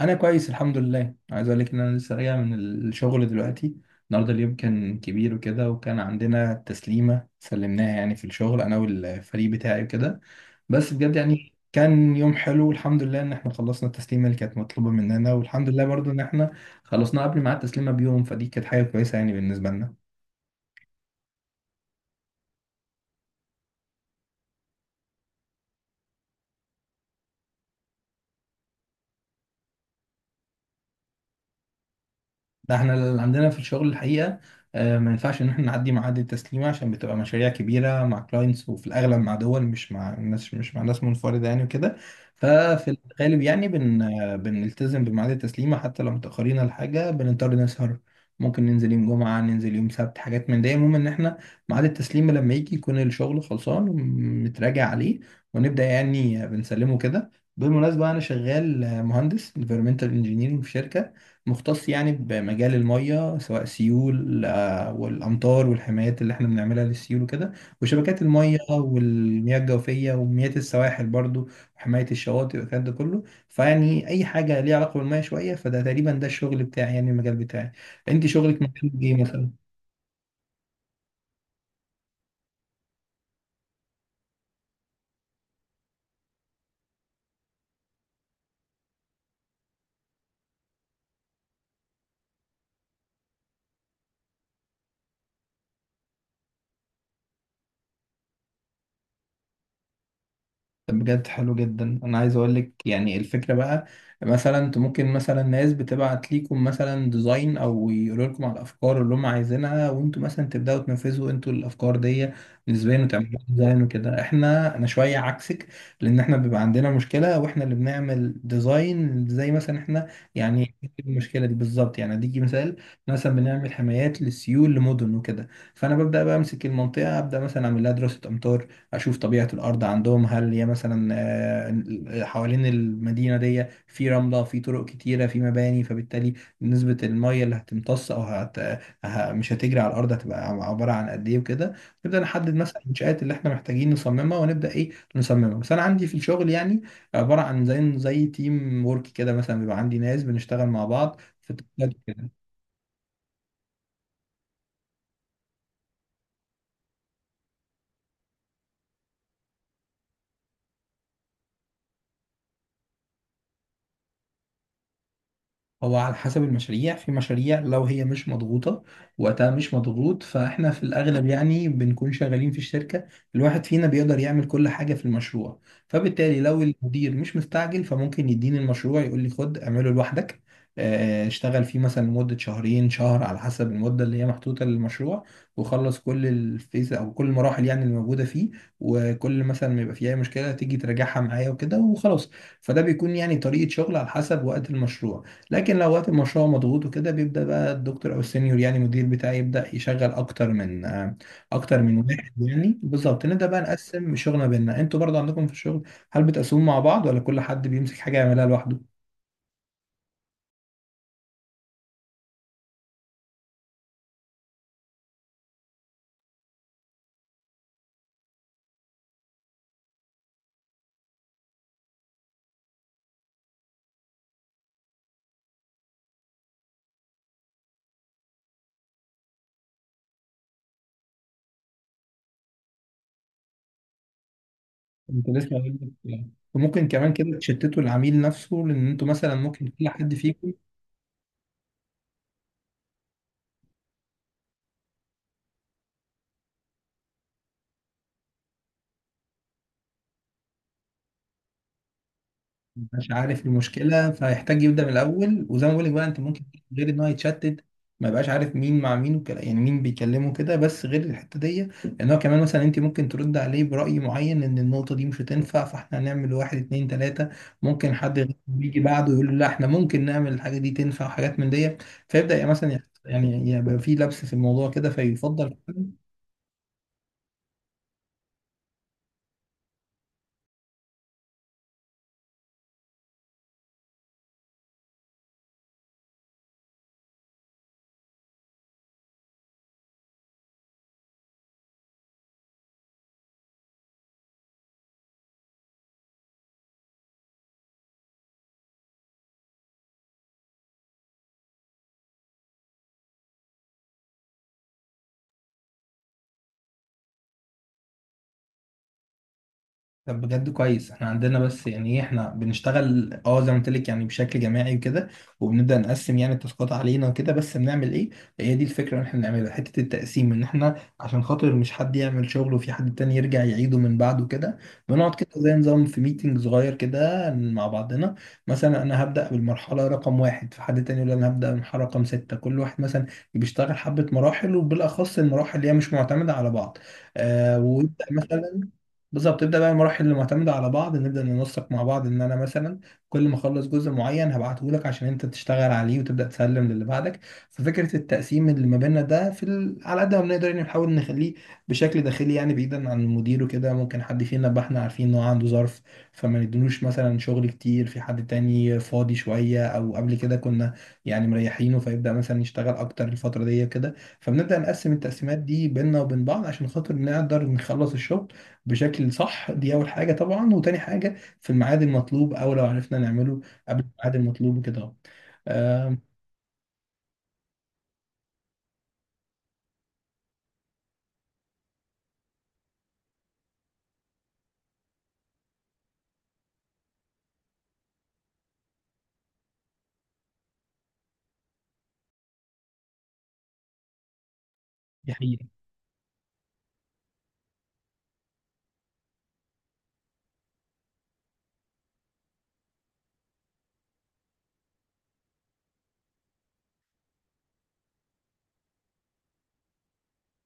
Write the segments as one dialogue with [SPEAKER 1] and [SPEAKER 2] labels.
[SPEAKER 1] انا كويس الحمد لله، عايز اقول لك ان انا لسه راجع من الشغل دلوقتي. النهارده اليوم كان كبير وكده، وكان عندنا تسليمه سلمناها يعني في الشغل انا والفريق بتاعي وكده. بس بجد يعني كان يوم حلو، والحمد لله ان احنا خلصنا التسليمه اللي كانت مطلوبه مننا، والحمد لله برضو ان احنا خلصنا قبل ميعاد التسليمه بيوم، فدي كانت حاجه كويسه يعني بالنسبه لنا. ده احنا اللي عندنا في الشغل الحقيقة ما ينفعش ان احنا نعدي معاد التسليم، عشان بتبقى مشاريع كبيرة مع كلاينتس، وفي الاغلب مع دول مش مع ناس، مش مع ناس منفردة يعني وكده. ففي الغالب يعني بن آه، بنلتزم بميعاد التسليمة، حتى لو متأخرين على حاجة بنضطر نسهر، ممكن ننزل يوم جمعة، ننزل يوم سبت، حاجات من ده. المهم ان احنا ميعاد التسليم لما يجي يكون الشغل خلصان ومتراجع عليه، ونبدأ يعني بنسلمه كده. بالمناسبة أنا شغال مهندس environmental engineering في شركة، مختص يعني بمجال المية، سواء سيول والأمطار، والحمايات اللي احنا بنعملها للسيول وكده، وشبكات المية، والمياه الجوفية، ومياه السواحل برضو، وحماية الشواطئ والكلام ده كله. فيعني أي حاجة ليها علاقة بالمية شوية فده، تقريبا ده الشغل بتاعي يعني، المجال بتاعي. أنت شغلك مجال إيه مثلا؟ طب بجد حلو جدا، انا عايز اقول لك يعني الفكره بقى، مثلا انت ممكن، مثلا ناس بتبعت ليكم مثلا ديزاين، او يقولوا لكم على الافكار اللي هم عايزينها، وانتوا مثلا تبداوا تنفذوا انتوا الافكار دي نسبيا وتعملوا ديزاين وكده. احنا انا شويه عكسك، لان احنا بيبقى عندنا مشكله واحنا اللي بنعمل ديزاين زي مثلا احنا. يعني المشكله دي بالظبط يعني، اديكي مثال، مثلا بنعمل حمايات للسيول لمدن وكده. فانا ببدا بقى امسك المنطقه، ابدا مثلا اعمل لها دراسه امطار، اشوف طبيعة الارض عندهم هل هي مثلا حوالين المدينة دي في رملة، في طرق كتيرة، في مباني، فبالتالي نسبة المية اللي هتمتص او مش هتجري على الارض هتبقى عبارة عن قد ايه وكده. نبدأ نحدد مثلا المنشآت اللي احنا محتاجين نصممها، ونبدأ ايه نصممها. بس انا عندي في الشغل يعني عبارة عن زي تيم ورك كده، مثلا بيبقى عندي ناس بنشتغل مع بعض في التاسكات وكده. هو على حسب المشاريع، في مشاريع لو هي مش مضغوطة، وقتها مش مضغوط، فاحنا في الأغلب يعني بنكون شغالين في الشركة، الواحد فينا بيقدر يعمل كل حاجة في المشروع. فبالتالي لو المدير مش مستعجل، فممكن يديني المشروع يقول لي خد اعمله لوحدك. اشتغل فيه مثلا لمدة شهرين شهر على حسب المدة اللي هي محطوطة للمشروع، وخلص كل الفيز أو كل المراحل يعني اللي موجودة فيه، وكل مثلا ما يبقى فيه أي مشكلة تيجي تراجعها معايا وكده وخلاص. فده بيكون يعني طريقة شغل على حسب وقت المشروع. لكن لو وقت المشروع مضغوط وكده، بيبدأ بقى الدكتور أو السينيور يعني المدير بتاعي يبدأ يشغل أكتر من واحد يعني. بالظبط نبدأ بقى نقسم شغلنا بينا. أنتوا برضه عندكم في الشغل هل بتقسموا مع بعض، ولا كل حد بيمسك حاجة يعملها لوحده؟ أنت لسه قايل لك يعني. وممكن كمان كده تشتتوا العميل نفسه، لأن أنتوا مثلا ممكن كل حد فيكم مش عارف المشكله، فيحتاج يبدا من الاول. وزي ما بقول لك بقى انت ممكن، غير ان هو يتشتت ما يبقاش عارف مين مع مين، وكلا يعني مين بيكلمه كده. بس غير الحته دي، ان هو كمان مثلا انت ممكن ترد عليه براي معين ان النقطه دي مش هتنفع، فاحنا هنعمل واحد اتنين تلاته، ممكن حد غيره يجي بعده يقول له لا احنا ممكن نعمل الحاجه دي تنفع، وحاجات من دي. فيبدا يعني يعني يبقى في لبس في الموضوع كده، فيفضل. طب بجد كويس، احنا عندنا بس يعني ايه، احنا بنشتغل اه زي ما قلت لك يعني بشكل جماعي وكده، وبنبدا نقسم يعني التاسكات علينا وكده، بس بنعمل ايه؟ هي دي الفكره اللي احنا بنعملها، حته التقسيم، ان احنا عشان خاطر مش حد يعمل شغل وفي حد تاني يرجع يعيده من بعده كده، بنقعد كده زي نظام في ميتنج صغير كده مع بعضنا. مثلا انا هبدا بالمرحله رقم واحد، فحد تاني يقول انا هبدا بالمرحله رقم سته، كل واحد مثلا بيشتغل حبه مراحل، وبالاخص المراحل اللي هي مش معتمده على بعض. ويبدا مثلا بالظبط، تبدا بقى المراحل اللي معتمده على بعض، نبدا ننسق مع بعض ان انا مثلا كل ما اخلص جزء معين هبعته لك عشان انت تشتغل عليه وتبدا تسلم للي بعدك. ففكره التقسيم اللي ما بيننا ده في ال... على قد ما بنقدر يعني نحاول نخليه بشكل داخلي يعني، بعيدا عن المدير وكده. ممكن حد فينا يبقى احنا عارفين ان هو عنده ظرف، فما نديلوش مثلا شغل كتير، في حد تاني فاضي شويه او قبل كده كنا يعني مريحينه، فيبدا مثلا يشتغل اكتر الفتره دي كده. فبنبدا نقسم التقسيمات دي بيننا وبين بعض، عشان خاطر نقدر نخلص الشغل بشكل صح، دي اول حاجه طبعا، وتاني حاجه في الميعاد المطلوب، او لو عرفنا نعمله قبل الميعاد المطلوب وكده أهو. آم، دي حقيقة.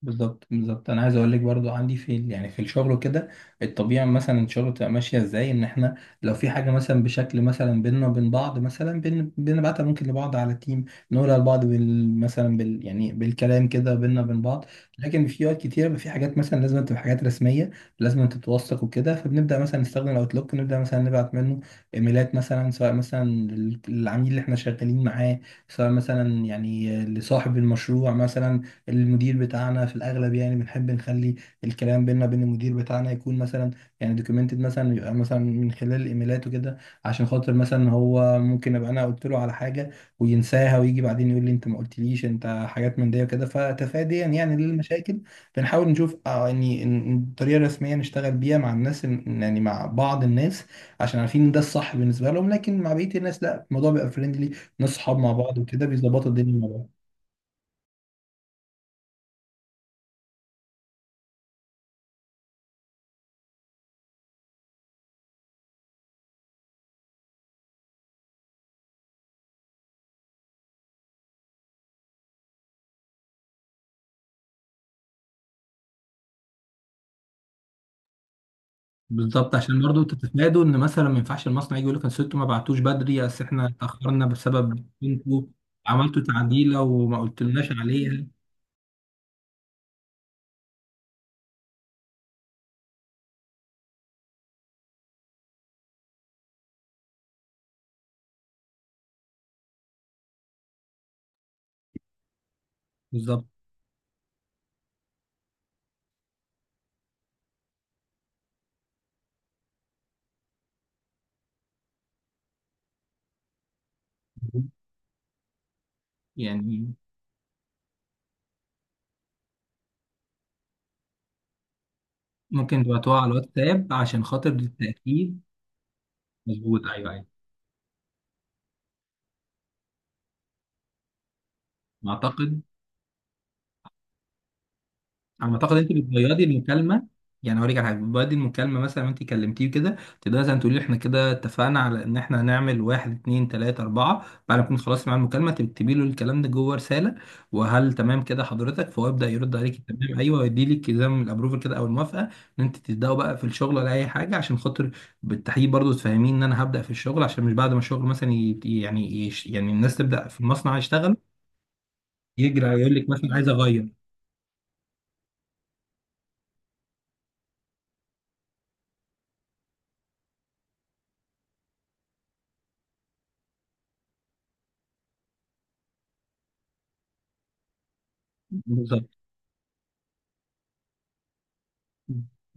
[SPEAKER 1] بالظبط انا عايز اقول لك برضو عندي في يعني في الشغل وكده، الطبيعي مثلا الشغل بتبقى ماشيه ازاي، ان احنا لو في حاجه مثلا بشكل مثلا بيننا وبين بعض مثلا بنبعتها ممكن لبعض على تيم، نقولها لبعض بال يعني بالكلام كده بيننا وبين بعض. لكن في وقت كتير بيبقى في حاجات مثلا لازم تبقى حاجات رسميه، لازم تتوثق وكده، فبنبدا مثلا نستخدم الاوتلوك، نبدا مثلا نبعت منه ايميلات، مثلا سواء مثلا للعميل اللي احنا شغالين معاه، سواء مثلا يعني لصاحب المشروع مثلا. المدير بتاعنا في الاغلب يعني بنحب نخلي الكلام بينا بين المدير بتاعنا يكون مثلا يعني دوكيومنتد، مثلا يبقى مثلا من خلال الايميلات وكده، عشان خاطر مثلا هو ممكن ابقى انا قلت له على حاجه وينساها، ويجي بعدين يقول لي انت ما قلتليش انت، حاجات من دي وكده. فتفاديا يعني للمشاكل، بنحاول نشوف طريقه رسميه نشتغل بيها مع الناس يعني مع بعض الناس، عشان عارفين ان ده الصح بالنسبه لهم. لكن مع بقيه الناس لا، الموضوع بيبقى فريندلي، ناس صحاب مع بعض وكده، بيظبطوا الدنيا مع بعض. بالظبط، عشان برضو تتفادوا ان مثلا ما ينفعش المصنع يجي يقول لك اصل انتوا ما بعتوش بدري، اصل احنا اتاخرنا بسبب انتوا عملتوا تعديله وما قلتلناش عليها. بالظبط يعني، ممكن تبعتوها على الواتساب عشان خاطر التاكيد. مظبوط، ايوه ايوه اعتقد. على ما اعتقد انت بتبيضي المكالمه، يعني هوريك على حاجه، بتبيضي المكالمه مثلا، انت كلمتيه كده، تقدري مثلا تقولي له احنا كده اتفقنا على ان احنا هنعمل واحد اتنين تلاته اربعه، بعد ما تكون خلاص مع المكالمه تكتبي له الكلام ده جوه رساله. وهل تمام كده حضرتك؟ فهو يبدا يرد عليك تمام ايوه، ويدي لك زي ما الابروفل كده او الموافقه ان انت تبداوا بقى في الشغل ولا اي حاجه. عشان خاطر بالتحقيق برضو تفهمين ان انا هبدا في الشغل، عشان مش بعد ما الشغل مثلا يعني الناس تبدا في المصنع يشتغل، يجري يقول لك مثلا عايز اغير.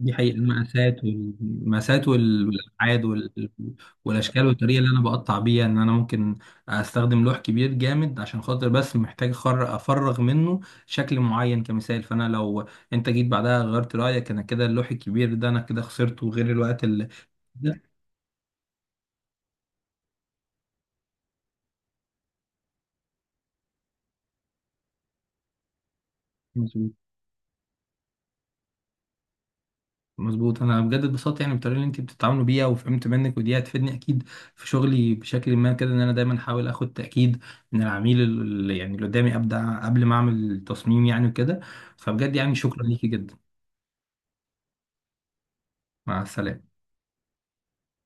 [SPEAKER 1] دي حقيقة، المقاسات والأبعاد والأشكال والطريقة اللي أنا بقطع بيها، إن أنا ممكن أستخدم لوح كبير جامد، عشان خاطر بس محتاج أفرغ منه شكل معين كمثال. فأنا لو أنت جيت بعدها غيرت رأيك، أنا كده اللوح الكبير ده أنا كده خسرته، غير الوقت اللي ده. مظبوط، انا بجد اتبسطت يعني بالطريقه اللي انت بتتعاملوا بيها، وفهمت منك ودي هتفيدني اكيد في شغلي بشكل ما كده، ان انا دايما احاول اخد تاكيد من العميل اللي يعني اللي قدامي ابدا قبل ما اعمل تصميم يعني وكده. فبجد يعني شكرا ليكي جدا. مع السلامه.